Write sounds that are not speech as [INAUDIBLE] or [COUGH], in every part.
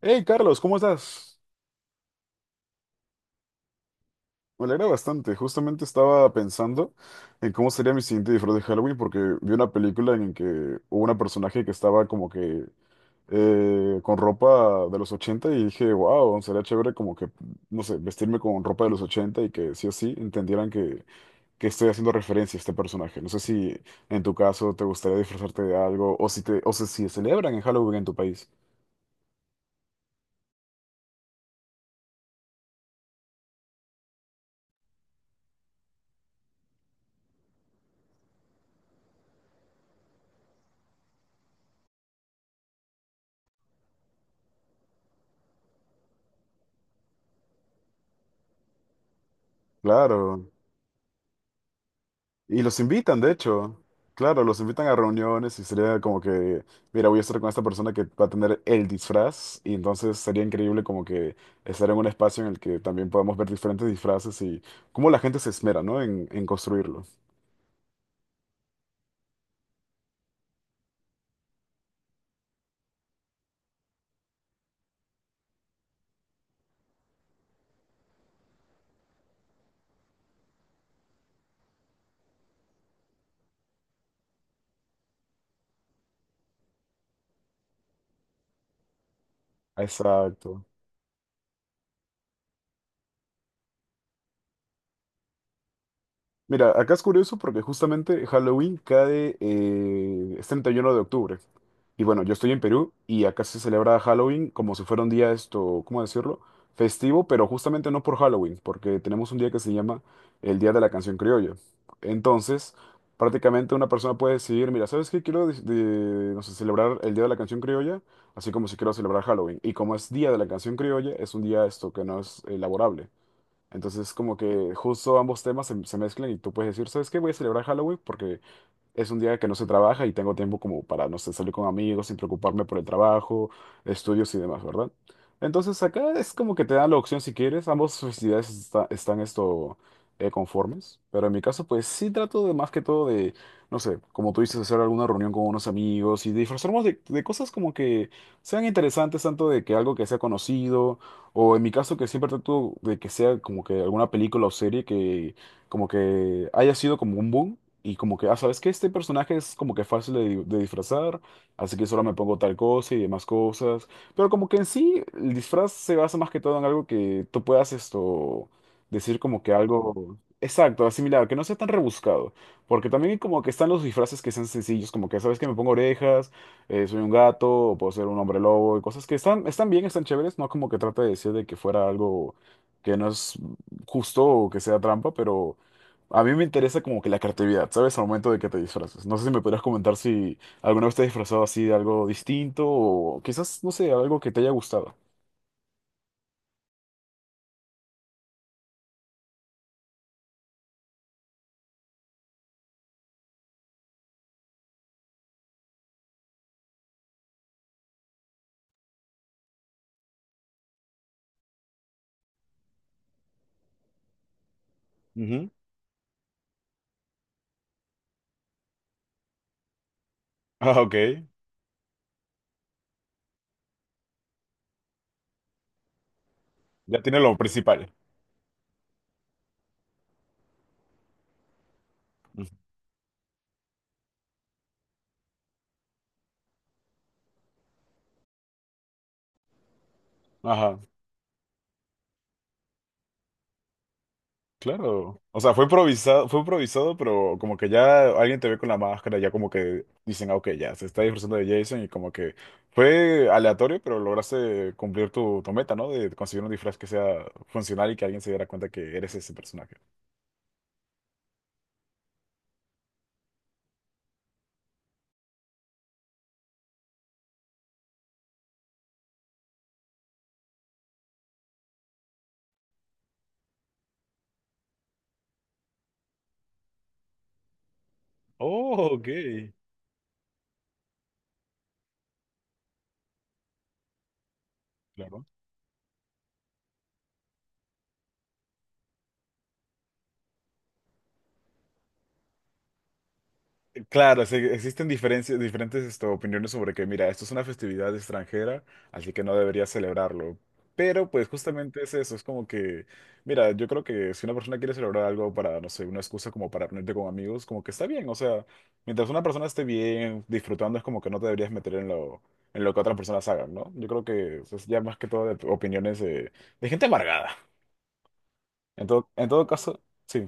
Hey Carlos, ¿cómo estás? Me alegra bastante. Justamente estaba pensando en cómo sería mi siguiente disfraz de Halloween porque vi una película en que hubo una personaje que estaba como que con ropa de los 80 y dije, wow, sería chévere como que, no sé, vestirme con ropa de los 80 y que sí o sí entendieran que estoy haciendo referencia a este personaje. No sé si en tu caso te gustaría disfrazarte de algo o si te, o si celebran en Halloween en tu país. Claro. Y los invitan, de hecho. Claro, los invitan a reuniones y sería como que, mira, voy a estar con esta persona que va a tener el disfraz y entonces sería increíble como que estar en un espacio en el que también podamos ver diferentes disfraces y cómo la gente se esmera, ¿no? En construirlo. Exacto. Mira, acá es curioso porque justamente Halloween cae, es 31 de octubre. Y bueno, yo estoy en Perú y acá se celebra Halloween como si fuera un día esto, ¿cómo decirlo? Festivo, pero justamente no por Halloween, porque tenemos un día que se llama el Día de la Canción Criolla. Entonces, prácticamente una persona puede decidir, mira, ¿sabes qué? Quiero no sé, celebrar el Día de la Canción Criolla, así como si quiero celebrar Halloween. Y como es Día de la Canción Criolla, es un día esto que no es laborable. Entonces, como que justo ambos temas se mezclan y tú puedes decir, ¿sabes qué? Voy a celebrar Halloween porque es un día que no se trabaja y tengo tiempo como para, no sé, salir con amigos sin preocuparme por el trabajo, estudios y demás, ¿verdad? Entonces acá es como que te dan la opción si quieres, ambas festividades están esto conformes, pero en mi caso pues sí trato de más que todo de, no sé, como tú dices, hacer alguna reunión con unos amigos y disfrazarnos de cosas como que sean interesantes, tanto de que algo que sea conocido, o en mi caso que siempre trato de que sea como que alguna película o serie que como que haya sido como un boom y como que, ah, ¿sabes qué? Este personaje es como que fácil de, de disfrazar, así que solo me pongo tal cosa y demás cosas. Pero como que en sí el disfraz se basa más que todo en algo que tú puedas esto decir como que algo exacto, asimilar, que no sea tan rebuscado. Porque también como que están los disfraces que sean sencillos, como que, ¿sabes qué? Me pongo orejas, soy un gato, o puedo ser un hombre lobo y cosas que están bien, están chéveres, no como que trata de decir de que fuera algo que no es justo o que sea trampa, pero... A mí me interesa como que la creatividad, ¿sabes? Al momento de que te disfraces. No sé si me podrías comentar si alguna vez te has disfrazado así de algo distinto o quizás, no sé, algo que te haya gustado. Ujú. Ah, ok. Ya tiene lo principal. Ujú. Ajá, claro. O sea, fue improvisado, pero como que ya alguien te ve con la máscara, ya como que dicen, ah, ok, ya se está disfrazando de Jason y como que fue aleatorio, pero lograste cumplir tu meta, ¿no? De conseguir un disfraz que sea funcional y que alguien se diera cuenta que eres ese personaje. Oh, ok. Claro. Claro, sí, existen diferencias, diferentes esto, opiniones sobre que, mira, esto es una festividad extranjera, así que no deberías celebrarlo. Pero pues justamente es eso, es como que, mira, yo creo que si una persona quiere celebrar algo para, no sé, una excusa como para reunirte con amigos, como que está bien, o sea, mientras una persona esté bien, disfrutando, es como que no te deberías meter en lo que otras personas hagan, ¿no? Yo creo que es ya más que todo de opiniones de gente amargada. En todo caso, sí.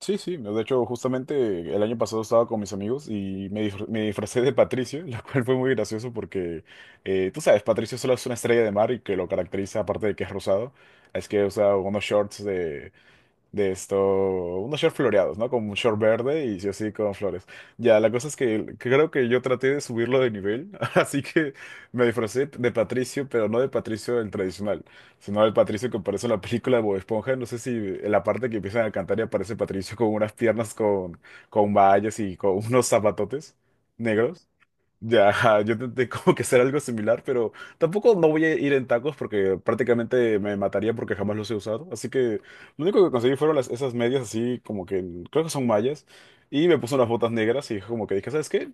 Sí, sí, no, de hecho justamente el año pasado estaba con mis amigos y me disfracé de Patricio, [LAUGHS] lo cual fue muy gracioso porque tú sabes, Patricio solo es una estrella de mar y que lo caracteriza, aparte de que es rosado, es que usa unos shorts de esto, unos shorts floreados, ¿no? Con un short verde y sí o sí con flores. Ya, la cosa es que creo que yo traté de subirlo de nivel, [LAUGHS] así que me disfracé de Patricio, pero no de Patricio el tradicional, sino del Patricio que aparece en la película de Bob Esponja. No sé si en la parte que empiezan a cantar y aparece Patricio con unas piernas con vallas y con [LAUGHS] unos zapatotes negros. Ya, ajá, yo intenté [LAUGHS] como que hacer algo similar, pero tampoco no voy a ir en tacos porque prácticamente me mataría porque jamás los he usado. Así que lo único que conseguí fueron esas medias así como que creo que son mallas y me puse unas botas negras y como que dije, ¿sabes qué?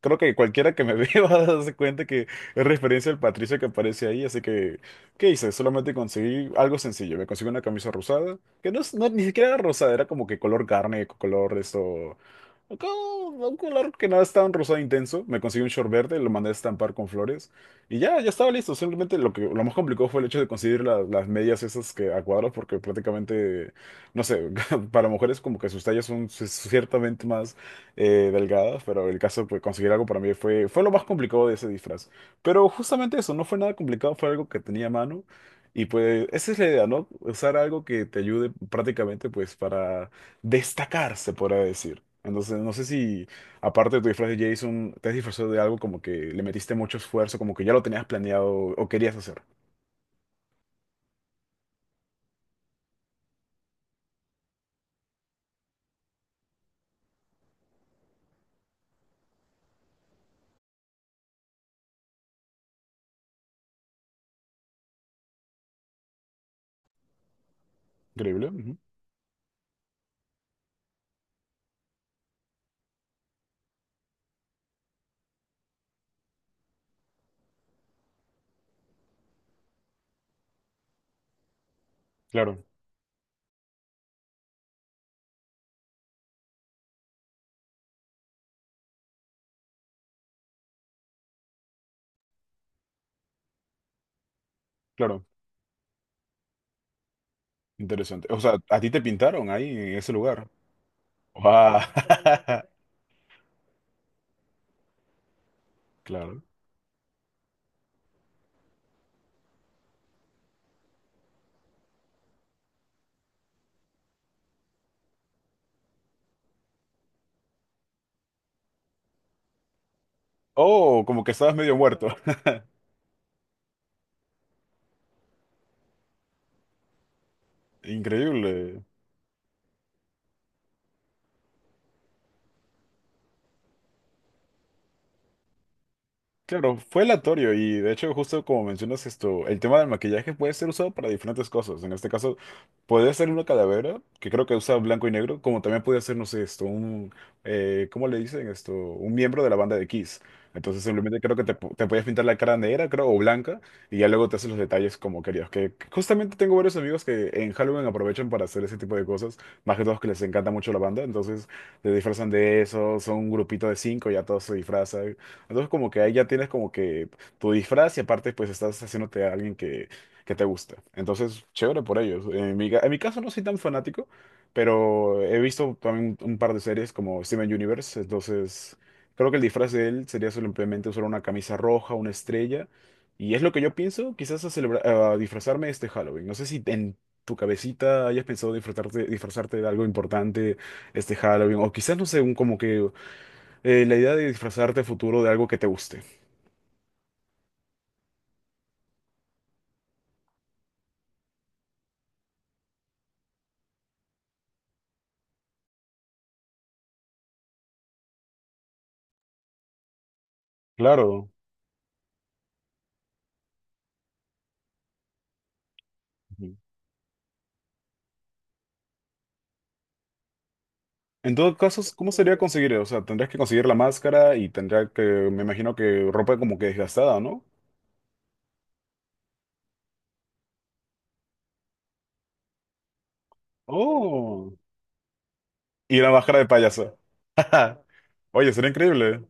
Creo que cualquiera que me [LAUGHS] vea va a darse cuenta que es referencia al Patricio que aparece ahí. Así que, ¿qué hice? Solamente conseguí algo sencillo. Me conseguí una camisa rosada, que no, ni siquiera era rosada, era como que color carne, color esto. Un color que no es tan rosado intenso. Me conseguí un short verde, lo mandé a estampar con flores. Y ya estaba listo. Simplemente lo que lo más complicado fue el hecho de conseguir las medias esas que a cuadros, porque prácticamente, no sé, [LAUGHS] para mujeres como que sus tallas son ciertamente más delgadas, pero el caso, pues conseguir algo para mí fue lo más complicado de ese disfraz. Pero justamente eso, no fue nada complicado, fue algo que tenía a mano. Y pues esa es la idea, ¿no? Usar algo que te ayude prácticamente pues para destacar, se podría decir. Entonces, no sé si aparte de tu disfraz de Jason, te has disfrazado de algo como que le metiste mucho esfuerzo, como que ya lo tenías planeado o querías hacer. Increíble. Ujú. Claro, claro. Interesante. O sea, a ti te pintaron ahí en ese lugar. Wow. [LAUGHS] Claro. Oh, como que estabas medio muerto. [LAUGHS] Increíble. Claro, fue aleatorio y de hecho justo como mencionas esto, el tema del maquillaje puede ser usado para diferentes cosas. En este caso, puede ser una calavera, que creo que usa blanco y negro, como también puede ser, no sé, esto, un, ¿cómo le dicen esto? Un miembro de la banda de Kiss. Entonces simplemente creo que te puedes pintar la cara negra, creo, o blanca, y ya luego te haces los detalles como querías. Que justamente tengo varios amigos que en Halloween aprovechan para hacer ese tipo de cosas, más que todos que les encanta mucho la banda, entonces se disfrazan de eso, son un grupito de cinco, ya todos se disfrazan. Entonces como que ahí ya tienes como que tu disfraz y aparte pues estás haciéndote a alguien que te gusta. Entonces, chévere por ellos. En mi caso no soy tan fanático, pero he visto también un par de series como Steven Universe, entonces creo que el disfraz de él sería simplemente usar una camisa roja, una estrella, y es lo que yo pienso quizás a disfrazarme este Halloween. No sé si en tu cabecita hayas pensado disfrazarte, disfrazarte de algo importante este Halloween, o quizás, no sé, un como que la idea de disfrazarte a futuro de algo que te guste. Claro. Ujú. En todo caso, ¿cómo sería conseguir? O sea, tendrías que conseguir la máscara y tendría que, me imagino que ropa como que desgastada, ¿no? Oh, y la máscara de payaso. [LAUGHS] Oye, sería increíble.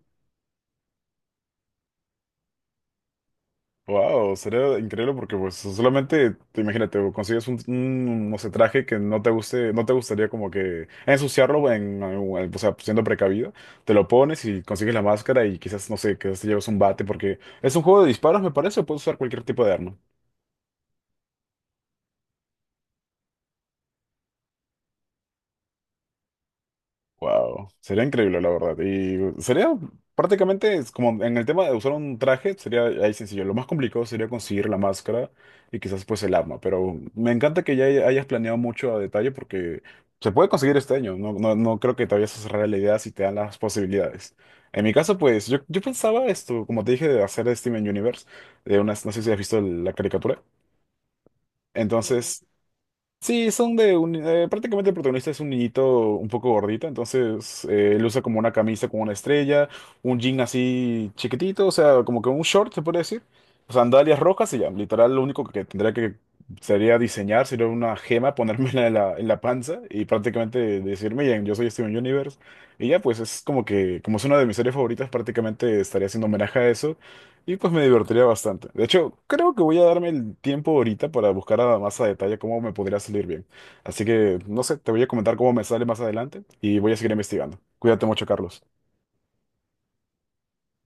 Wow, sería increíble porque pues solamente, te imagínate, o consigues un, no sé, traje que no te guste, no te gustaría como que ensuciarlo o sea, siendo precavido, te lo pones y consigues la máscara y quizás, no sé, quizás te llevas un bate porque es un juego de disparos, me parece, o puedes usar cualquier tipo de arma. Wow, sería increíble la verdad. Y sería prácticamente es como en el tema de usar un traje, sería ahí sencillo. Lo más complicado sería conseguir la máscara y quizás pues el arma. Pero me encanta que ya hayas planeado mucho a detalle porque se puede conseguir este año. No, no, no creo que te vayas a cerrar la idea si te dan las posibilidades. En mi caso, pues yo pensaba esto, como te dije, de hacer de Steven Universe, de unas, no sé si has visto la caricatura. Sí. Entonces, sí, son de un, prácticamente el protagonista es un niñito un poco gordito, entonces él usa como una camisa con una estrella, un jean así chiquitito, o sea, como que un short se puede decir, sandalias rojas y ya, literal lo único que tendría que sería diseñar, sería una gema, ponérmela en la panza y prácticamente decirme, miren, yo soy este Steven Universe y ya pues es como que, como es una de mis series favoritas, prácticamente estaría haciendo homenaje a eso y pues me divertiría bastante. De hecho, creo que voy a darme el tiempo ahorita para buscar a más a detalle cómo me podría salir bien. Así que, no sé, te voy a comentar cómo me sale más adelante y voy a seguir investigando. Cuídate mucho, Carlos.